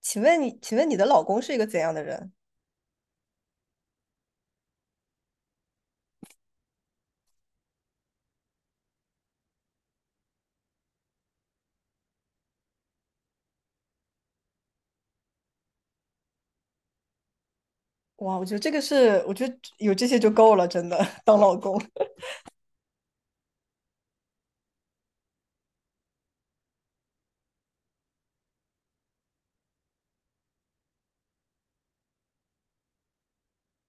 请问你，请问你的老公是一个怎样的人？哇，我觉得这个是，我觉得有这些就够了，真的，当老公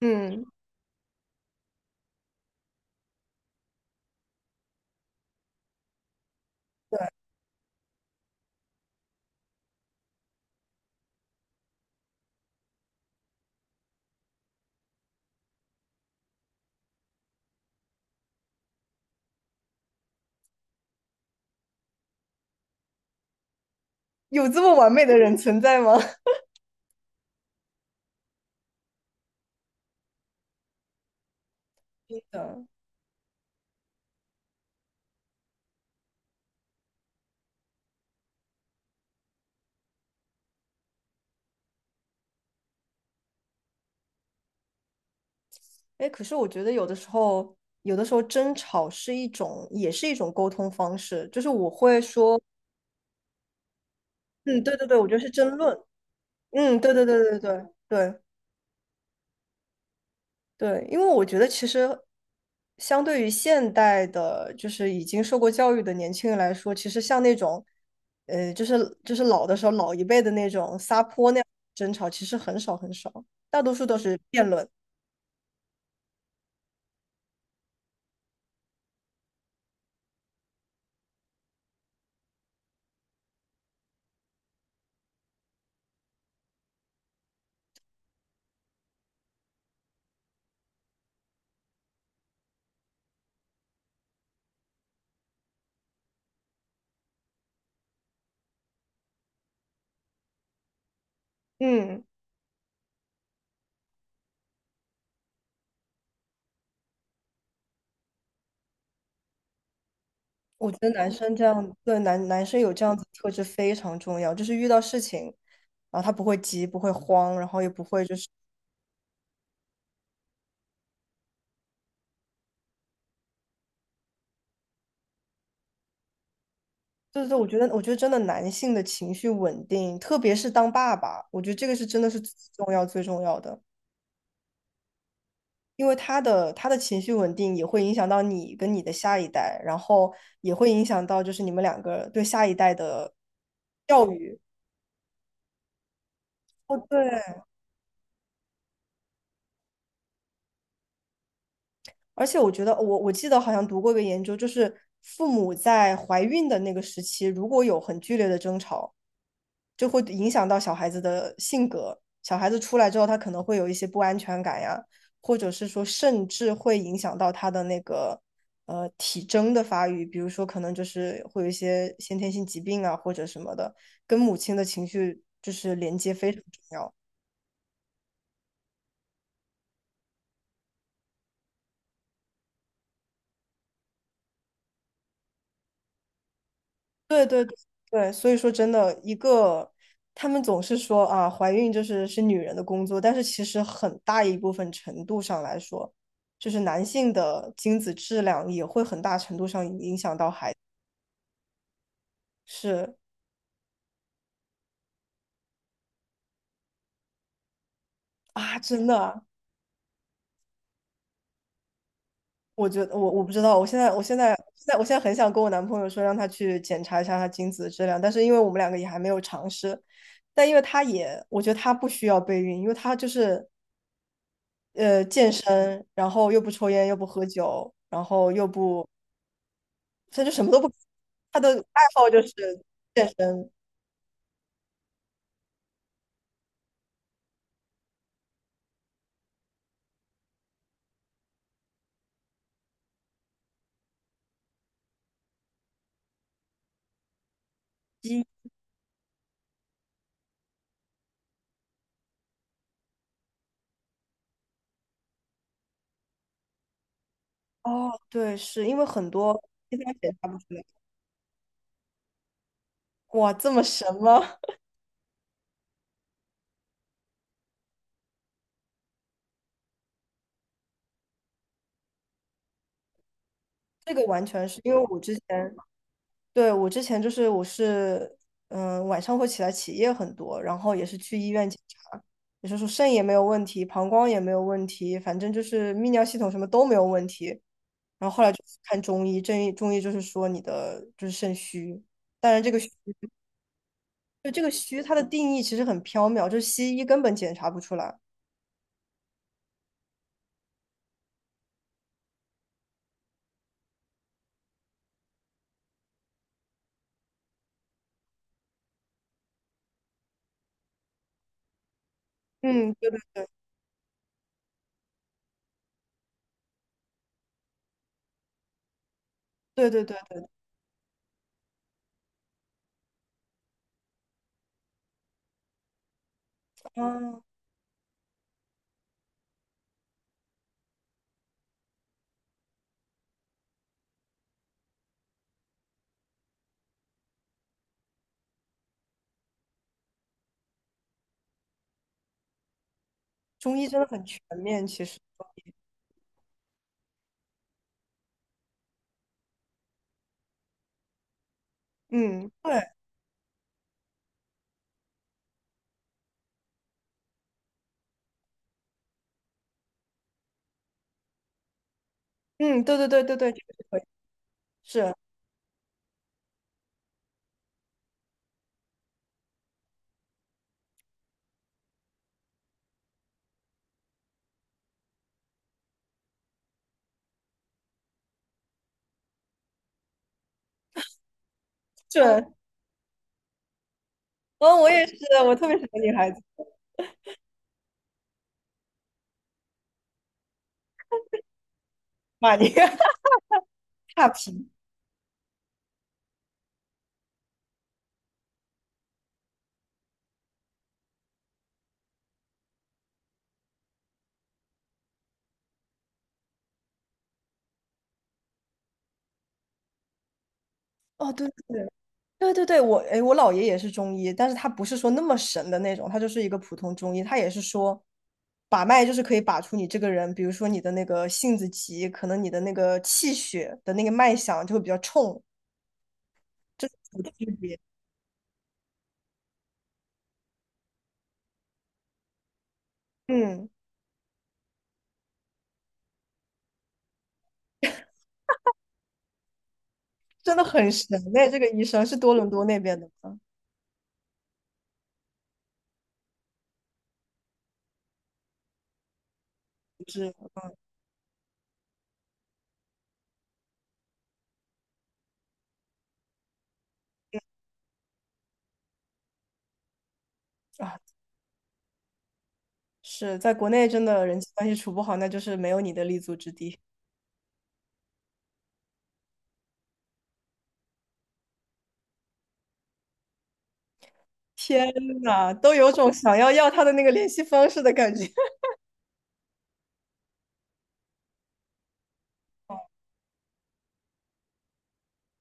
嗯，有这么完美的人存在吗？真的，哎，可是我觉得有的时候，有的时候争吵是一种，也是一种沟通方式，就是我会说，嗯，对对对，我觉得是争论，嗯，对对对对对对。对，因为我觉得其实相对于现代的，就是已经受过教育的年轻人来说，其实像那种，就是老的时候老一辈的那种撒泼那样的争吵，其实很少很少，大多数都是辩论。嗯，我觉得男生这样，对男生有这样子特质非常重要，就是遇到事情，然后他不会急，不会慌，然后也不会就是，对对，我觉得，我觉得真的男性的情绪稳定，特别是当爸爸，我觉得这个是真的是最重要最重要的。因为他的情绪稳定也会影响到你跟你的下一代，然后也会影响到就是你们两个对下一代的教育。哦，对，而且我觉得，我记得好像读过一个研究，就是父母在怀孕的那个时期，如果有很剧烈的争吵，就会影响到小孩子的性格。小孩子出来之后，他可能会有一些不安全感呀，或者是说，甚至会影响到他的那个体征的发育，比如说可能就是会有一些先天性疾病啊或者什么的，跟母亲的情绪就是连接非常重要。对对对对，所以说真的，一个他们总是说啊，怀孕就是是女人的工作，但是其实很大一部分程度上来说，就是男性的精子质量也会很大程度上影响到孩子。是啊，真的啊，我觉得我不知道，我现在很想跟我男朋友说，让他去检查一下他精子的质量，但是因为我们两个也还没有尝试，但因为他也，我觉得他不需要备孕，因为他就是健身，然后又不抽烟，又不喝酒，然后又不，他就什么都不，他的爱好就是健身。一哦，对，是因为很多第三者查不出来。哇，这么神吗？这个完全是因为我之前，对，我之前就是我是，嗯、晚上会起来起夜很多，然后也是去医院检查，也就是说肾也没有问题，膀胱也没有问题，反正就是泌尿系统什么都没有问题。然后后来就去看中医，中医就是说你的就是肾虚，当然这个虚这个虚它的定义其实很缥缈，就是西医根本检查不出来。嗯，对对对对对对，嗯，中医真的很全面，其实中医，嗯，对，嗯，对对对对对，这个是可以，是准，嗯，我也是，我特别喜欢女孩子骂你，差评，哦，对对对对对对，我哎，我姥爷也是中医，但是他不是说那么神的那种，他就是一个普通中医，他也是说，把脉就是可以把出你这个人，比如说你的那个性子急，可能你的那个气血的那个脉象就会比较冲，这是有区别。嗯，真的很神哎，这个医生是多伦多那边的吗？啊，是在国内真的人际关系处不好，那就是没有你的立足之地。天呐，都有种想要要他的那个联系方式的感觉。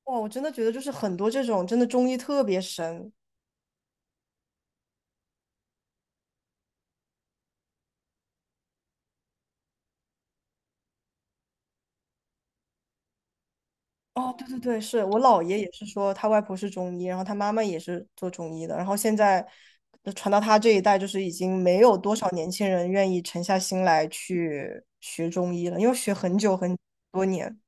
哇，我真的觉得就是很多这种真的中医特别神，哦，对对对，是我姥爷也是说他外婆是中医，然后他妈妈也是做中医的，然后现在传到他这一代，就是已经没有多少年轻人愿意沉下心来去学中医了，因为学很久很多年。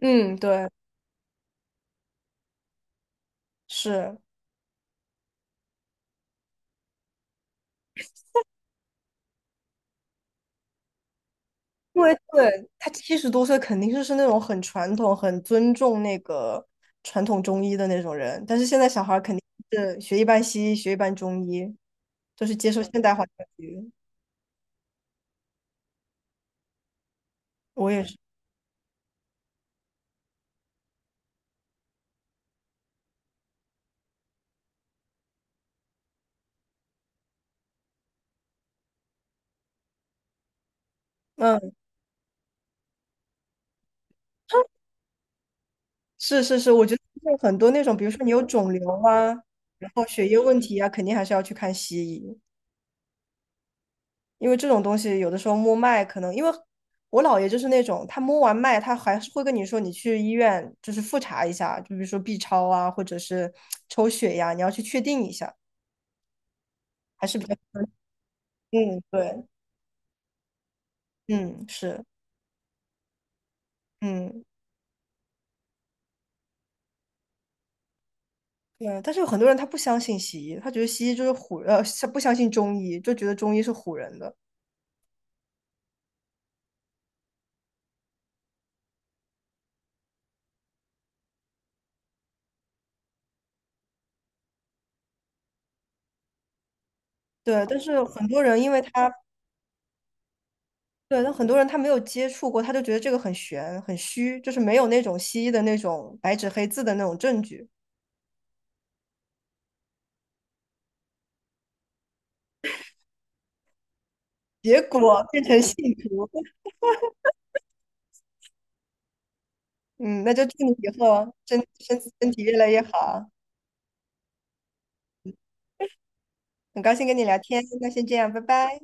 嗯，对，是因为对他七十多岁肯定就是那种很传统、很尊重那个传统中医的那种人，但是现在小孩儿肯定是学一半西医，学一半中医，就是接受现代化教育。我也是。嗯。是是是，我觉得就是很多那种，比如说你有肿瘤啊，然后血液问题啊，肯定还是要去看西医，因为这种东西有的时候摸脉可能，因为我姥爷就是那种，他摸完脉，他还是会跟你说你去医院就是复查一下，就比如说 B 超啊，或者是抽血呀、你要去确定一下，还是比较，嗯，对，嗯，是，嗯。对，但是有很多人他不相信西医，他觉得西医就是唬，他不相信中医，就觉得中医是唬人的。对，但是很多人因为他对，那很多人他没有接触过，他就觉得这个很玄、很虚，就是没有那种西医的那种白纸黑字的那种证据，结果变成信徒。嗯，那就祝你以后身体越来越好。很高兴跟你聊天，那先这样，拜拜。